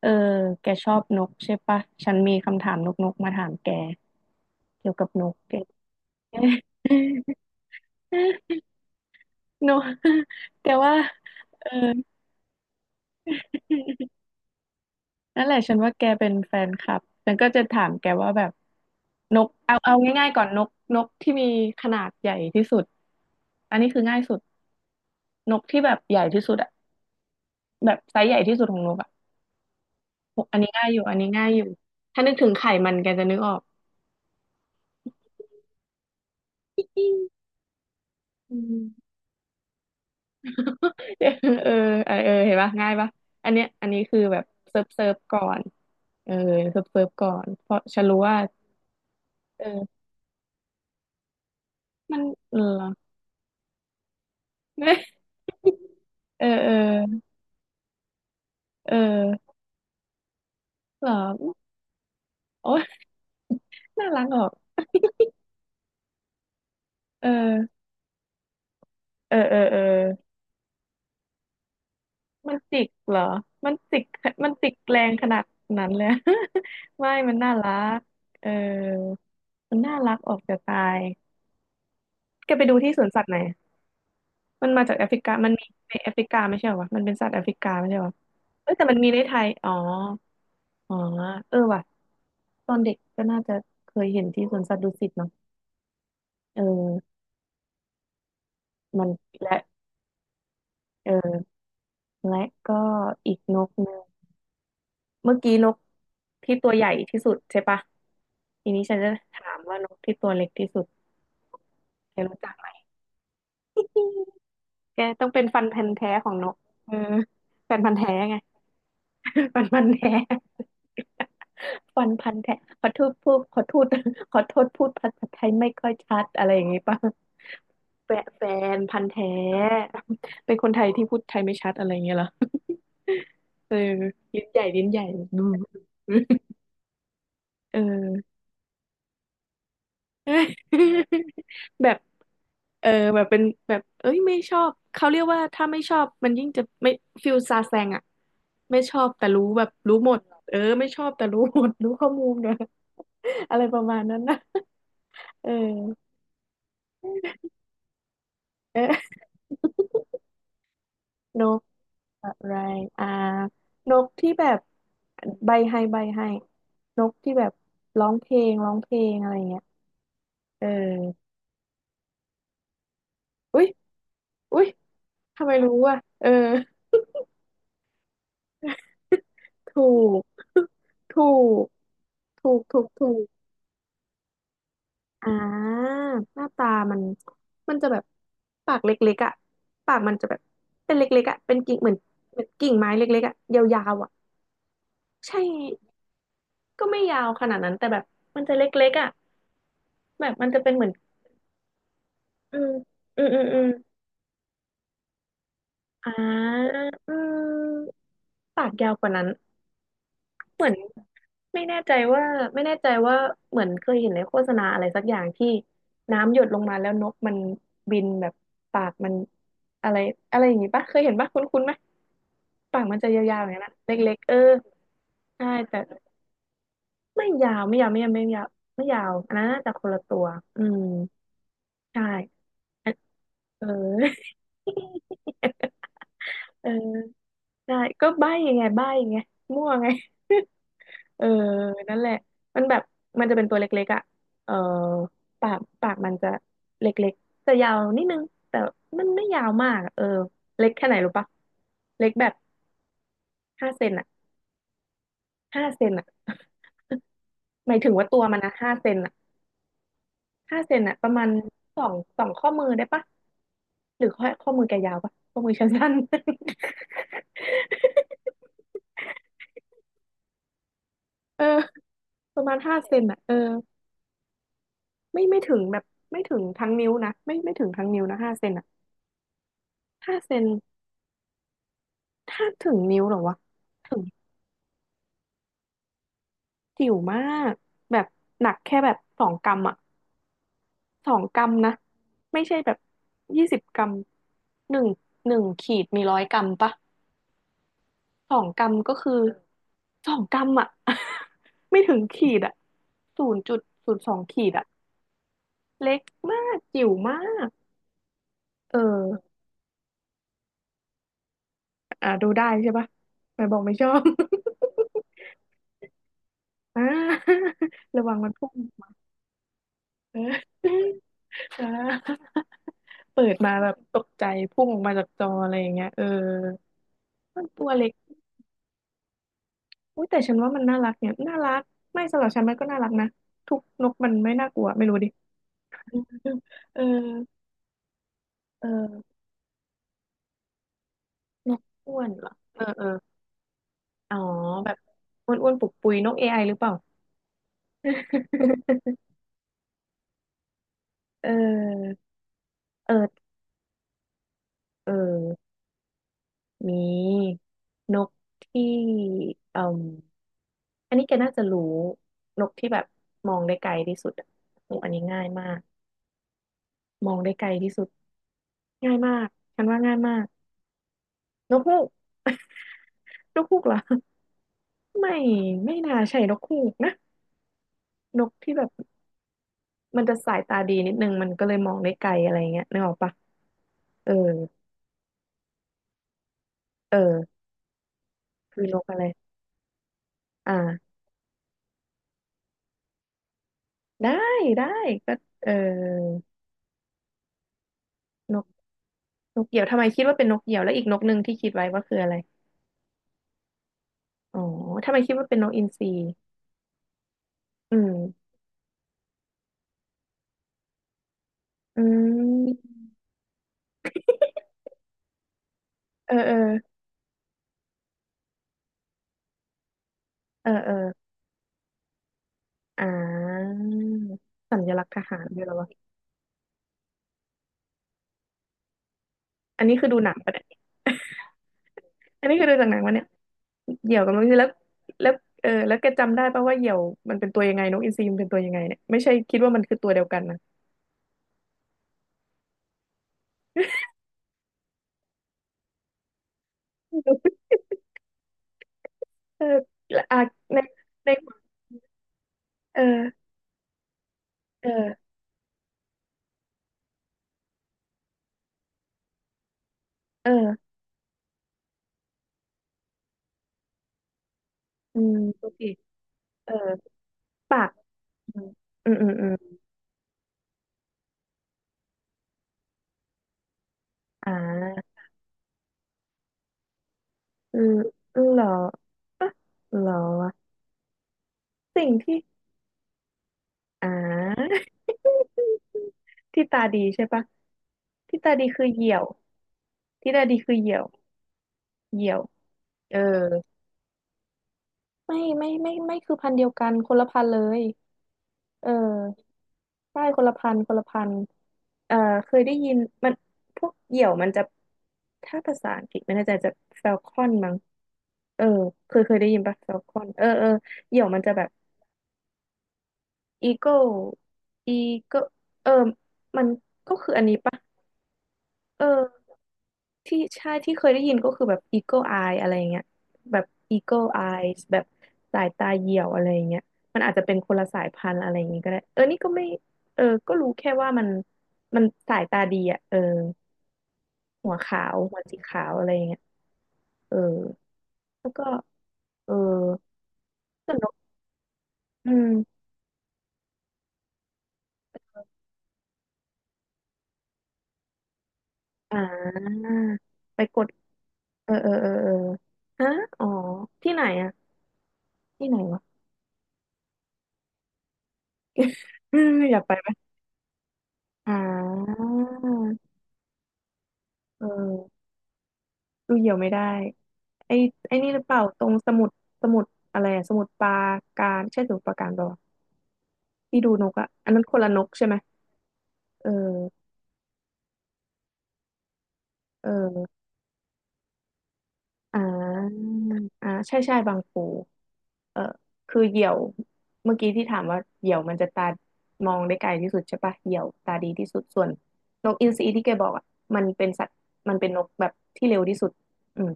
เออแกชอบนกใช่ปะฉันมีคำถามนกมาถามแกเกี่ยวกับนกแก นกแกว่าเออ นั่นแหละฉันว่าแกเป็นแฟนคลับ ฉันก็จะถามแกว่าแบบนกเอาง่ายๆก่อนนกนกที่มีขนาดใหญ่ที่สุด อันนี้คือง่ายสุดนกที่แบบใหญ่ที่สุดอะแบบไซส์ใหญ่ที่สุดของนกอะอันนี้ง่ายอยู่อันนี้ง่ายอยู่ ถ้านึกถึงไข่มันแกจะนึกออก อืม เออเออเออเห็นปะง่ายปะอันเนี้ยอันนี้คือแบบเซิร์ฟก่อนเออเซิร์ฟก่อนเพราะฉันรู้ว่าเออมันเออ เออเออเออเหรอโอ้ยน่ารักออกเออเออเออเออมันจิกเหรอมันจิกมันจิกแรงขนาดนั้นเลย ไม่มันน่ารักเออมันน่ารักออกจะตายแกไปดูที่สวนสัตว์ไหน มันมาจากแอฟริกามันมีในแอฟริกาไม่ใช่เหรอวะมันเป็นสัตว์แอฟริกาไม่ใช่เหรอวะเอ้ยแต่มันมีในไทยอ๋ออ๋อเออว่ะตอนเด็กก็น่าจะเคยเห็นที่สวนสัตว์ดุสิตเนาะเออมันและเออและก็อีกนกหนึ่งเมื่อกี้นกที่ตัวใหญ่ที่สุดใช่ปะทีนี้ฉันจะถามว่านกที่ตัวเล็กที่สุดแกรู้จักไหม แกต้องเป็นฟันพันธุ์แท้ของนกเออแฟนพันธุ์แท้ไง ฟันพันแท้ฟันพันแท้ ขอโทษพูดขอโทษขอโทษพูดภาษาไทยไม่ค่อยชัดอะไรอย่างงี้ป่ะแฟนพันธุ์แท้ เป็นคนไทยที่พูดไทยไม่ชัดอะไรอย่างเงี้ยเหรอเออลิ้นใหญ่ลิ้นใหญ่อืมเออ แบบ เออแบบเป็นแบบเอ้ยไม่ชอบเขาเรียกว่าถ้าไม่ชอบมันยิ่งจะไม่ฟิลซาแซงอะไม่ชอบแต่รู้แบบรู้หมดเออไม่ชอบแต่รู้หมดรู้ข้อมูลเนอะอะไรประมาณนั้นนะเออเออนกอะไรอ่านกที่แบบใบให้นกที่แบบร้องเพลงอะไรเงี้ยเอออุ๊ยอุ๊ยทำไมรู้อ่ะเออถูก ถูกถูกถูกถูก อ่าหน้าตามันมันจะแบบปากเล็กๆอ่ะปากมันจะแบบเป็นเล็กๆอ่ะเป็นกิ่งเหมือนเหมือนกิ่งไม้เล็กๆอ่ะยาวๆอ่ะใช่ก็ไม่ยาวขนาดนั้นแต่แบบมันจะเล็กๆอ่ะแบบมันจะเป็นเหมือนอืมอืมอืมอืมอ่าอืมปากยาวกว่านั้นเหมือนไม่แน่ใจว่าไม่แน่ใจว่าเหมือนเคยเห็นในโฆษณาอะไรสักอย่างที่น้ำหยดลงมาแล้วนกมันบินแบบปากมันอะไรอะไรอย่างงี้ปะเคยเห็นปะคุ้นๆไหม ปากมันจะยาวๆอย่างนั้นนะเล็กๆเออใช่แต่ไม่ยาวไม่ยาวไม่ยาวไม่ยาวไม่ยาวอันนั้นน่าจะคนละตัวอืมใช่อันเออเออใช่ก็ใบ้ยังไงใบ้ยังไงมั่วไง เออนั่นแหละมันแบบมันจะเป็นตัวเล็กๆอ่ะเออปากมันจะเล็กๆแต่ยาวนิดนึงแต่มันไม่ยาวมากอะเออเล็กแค่ไหนรู้ปะเล็กแบบห้าเซนอ่ะห้าเซนอ่ะ หมายถึงว่าตัวมันนะห้าเซนอ่ะ ห้าเซนอะประมาณสองสองข้อมือได้ปะหรือข้อมือแกยาวปะข้อมือฉันสั้น เออประมาณ5 เซนอะเออไม่ถึงแบบไม่ถึงทั้งนิ้วนะไม่ถึงทั้งนิ้วนะห้าเซนอะห้าเซนถ้าถึงนิ้วเหรอวะถึงจิ๋วมากแบบหนักแค่แบบสองกรัมอะสองกรัมนะไม่ใช่แบบ20 กรัมหนึ่งหนึ่งขีดมี100 กรัมปะ สองกรัมก็คือ2 กรัมอ่ะ ไม่ถึงขีดอ่ะ0.02ขีดอ่ะมากจิ๋วมากเอออ่าดูได้ใช่ปะไม่บอกไม่ชอบ อ่าระวังมันพุ่งเอออ่าเปิดมาแบบตกใจพุ่งออกมาจากจออะไรอย่างเงี้ยเออมันตัวเล็กอุ้ยแต่ฉันว่ามันน่ารักเนี่ยน่ารักไม่สำหรับฉันมันก็น่ารักนะทุกนกมันไม่น่ากลัวไม่รู้ดิ เออเออ นกอ้วนเหรอเออเอออ๋อแบบอ้วนอ้วนปุกปุยนกเอไอหรือเปล่า เออเออเออมีนกที่อืมอันนี้แกน่าจะรู้นกที่แบบมองได้ไกลที่สุดอะโอ้อันนี้ง่ายมากมองได้ไกลที่สุดง่ายมากฉันว่าง่ายมากนกฮูก นกฮูกเหรอไม่ไม่น่าใช่นกฮูกนะนกที่แบบมันจะสายตาดีนิดนึงมันก็เลยมองได้ไกลอะไรเงี้ยนึกออกปะเออเออ มีนกอะไรอ่าได้ได้ก็เออนกนกเหยี่ยวทำไมคิดว่าเป็นนกเหยี่ยวแล้วอีกนกหนึ่งที่คิดไว้ว่าคืออะไรอ๋อทำไมคิดว่าเป็นนกอินทรีอืมอืมเออเออเออเอออ่าสัญลักษณ์ทหารด้วยเหรอวะอันนี้คือดูหนังปะเนี่ยอันนี้คือดูจากหนังวะเนี่ยเหยี่ยวกับนกอินทรีแล้วแล้วเออแล้วแกจำได้ปะว่าเหยี่ยวมันเป็นตัวยังไงนกอินทรีมันเป็นตัวยังไงเนี่ยไม่ใช่คิดว่ามันคือตัวเดียวกันนะเออและอ่ะในในเออเออเออ อืมโอเคเออปากอืมอืมอืมอ่าเออเหรออ่ะเหรอวะสิ่งที่อ่า ที่ตาดีใช่ปะที่ตาดีคือเหยี่ยวที่ตาดีคือเหยี่ยวเหยี่ยวเออไม่คือพันธุ์เดียวกันคนละพันธุ์เลยเออ ป้ายคนละพันเอ่อเคยได้ยิน มันพวกเหยี่ยวมันจะ ถ้าภาษาอังกฤษไม่แน่ใจจะแฟลคอนมั้งเออเคยได้ยินปะแฟลคอนเออเออเหยี่ยวมันจะแบบอีโก้อีโก้เออมันก็คืออันนี้ปะเออ ที่ใช่ที่เคยได้ยินก็คือแบบ Eagle Eye อะไรอย่างเงี้ยแบบ Eagle Eyes แบบสายตาเหยี่ยวอะไรอย่างเงี้ยมันอาจจะเป็นคนละสายพันธุ์อะไรอย่างงี้ก็ได้เออนี่ก็ไม่เออก็รู้แค่ว่ามันสายตาดีอ่ะเออหัวขาวหัวสีขาวอะไรอย่างเงี้ยเออแล้วก็เออส่วนนกอืมอ่าไปกดเออเออเออเออฮะอ๋อที่ไหนอ่ะที่ไหนวะอืมอยากไปไหมอ่าเออดูเหี่ยวไม่ได้ ไอ้ไอ้นี่หรือเปล่าตรงสมุดสมุดอะไรอะสมุดปราการใช่สมุดปราการเปล่าวะที่ดูนกอะอันนั้นคนละนกใช่ไหมเออเอออ่าอ่าใช่ใช่บางปูเออคือเหยี่ยวเมื่อกี้ที่ถามว่าเหยี่ยวมันจะตามองได้ไกลที่สุดใช่ปะเหยี่ยวตาดีที่สุดส่วนนกอินทรีที่แกบอกอะมันเป็นสัตว์มันเป็นนกแบบที่เร็วที่สุดอืม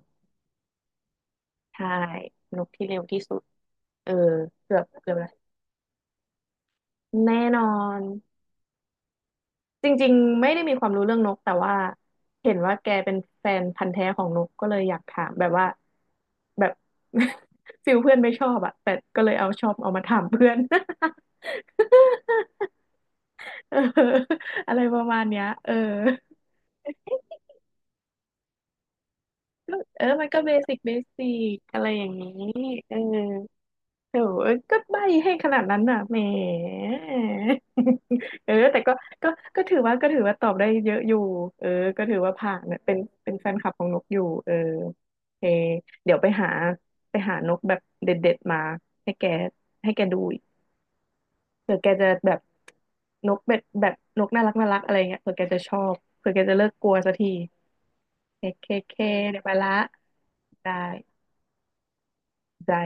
ใช่นกที่เร็วที่สุดเออเกือบแล้วแน่นอน จริงๆไม่ได้มีความรู้เรื่องนกแต่ว่าเห็นว่าแกเป็นแฟนพันธุ์แท้ของนกก็เลยอยากถามแบบว่าแบบ ฟิลเพื่อนไม่ชอบอะแต่ก็เลยเอามาถามเพื่อน เอออะไรประมาณเนี้ยเออก็เออมันก็เบสิกสิอะไรอย่างนี้เออ เออก็ใบให้ขนาดนั้นน่ะแหม เออแต่ก็ก็ก็ถือว่าตอบได้เยอะอยู่เออก็ถือว่าผ่านเนี่ยเป็นแฟนคลับของนกอยู่เออโอเคเดี๋ยวไปหาไปหานกแบบเด็ดๆมาให้แกให้แกดูอีกเผื่อแกจะแบบนกแบบนกน่ารักอะไรเงี้ยเผื่อแกจะชอบเผื่อแกจะเลิกกลัวสักทีเคเคเคเดี๋ยวไปละได้ได้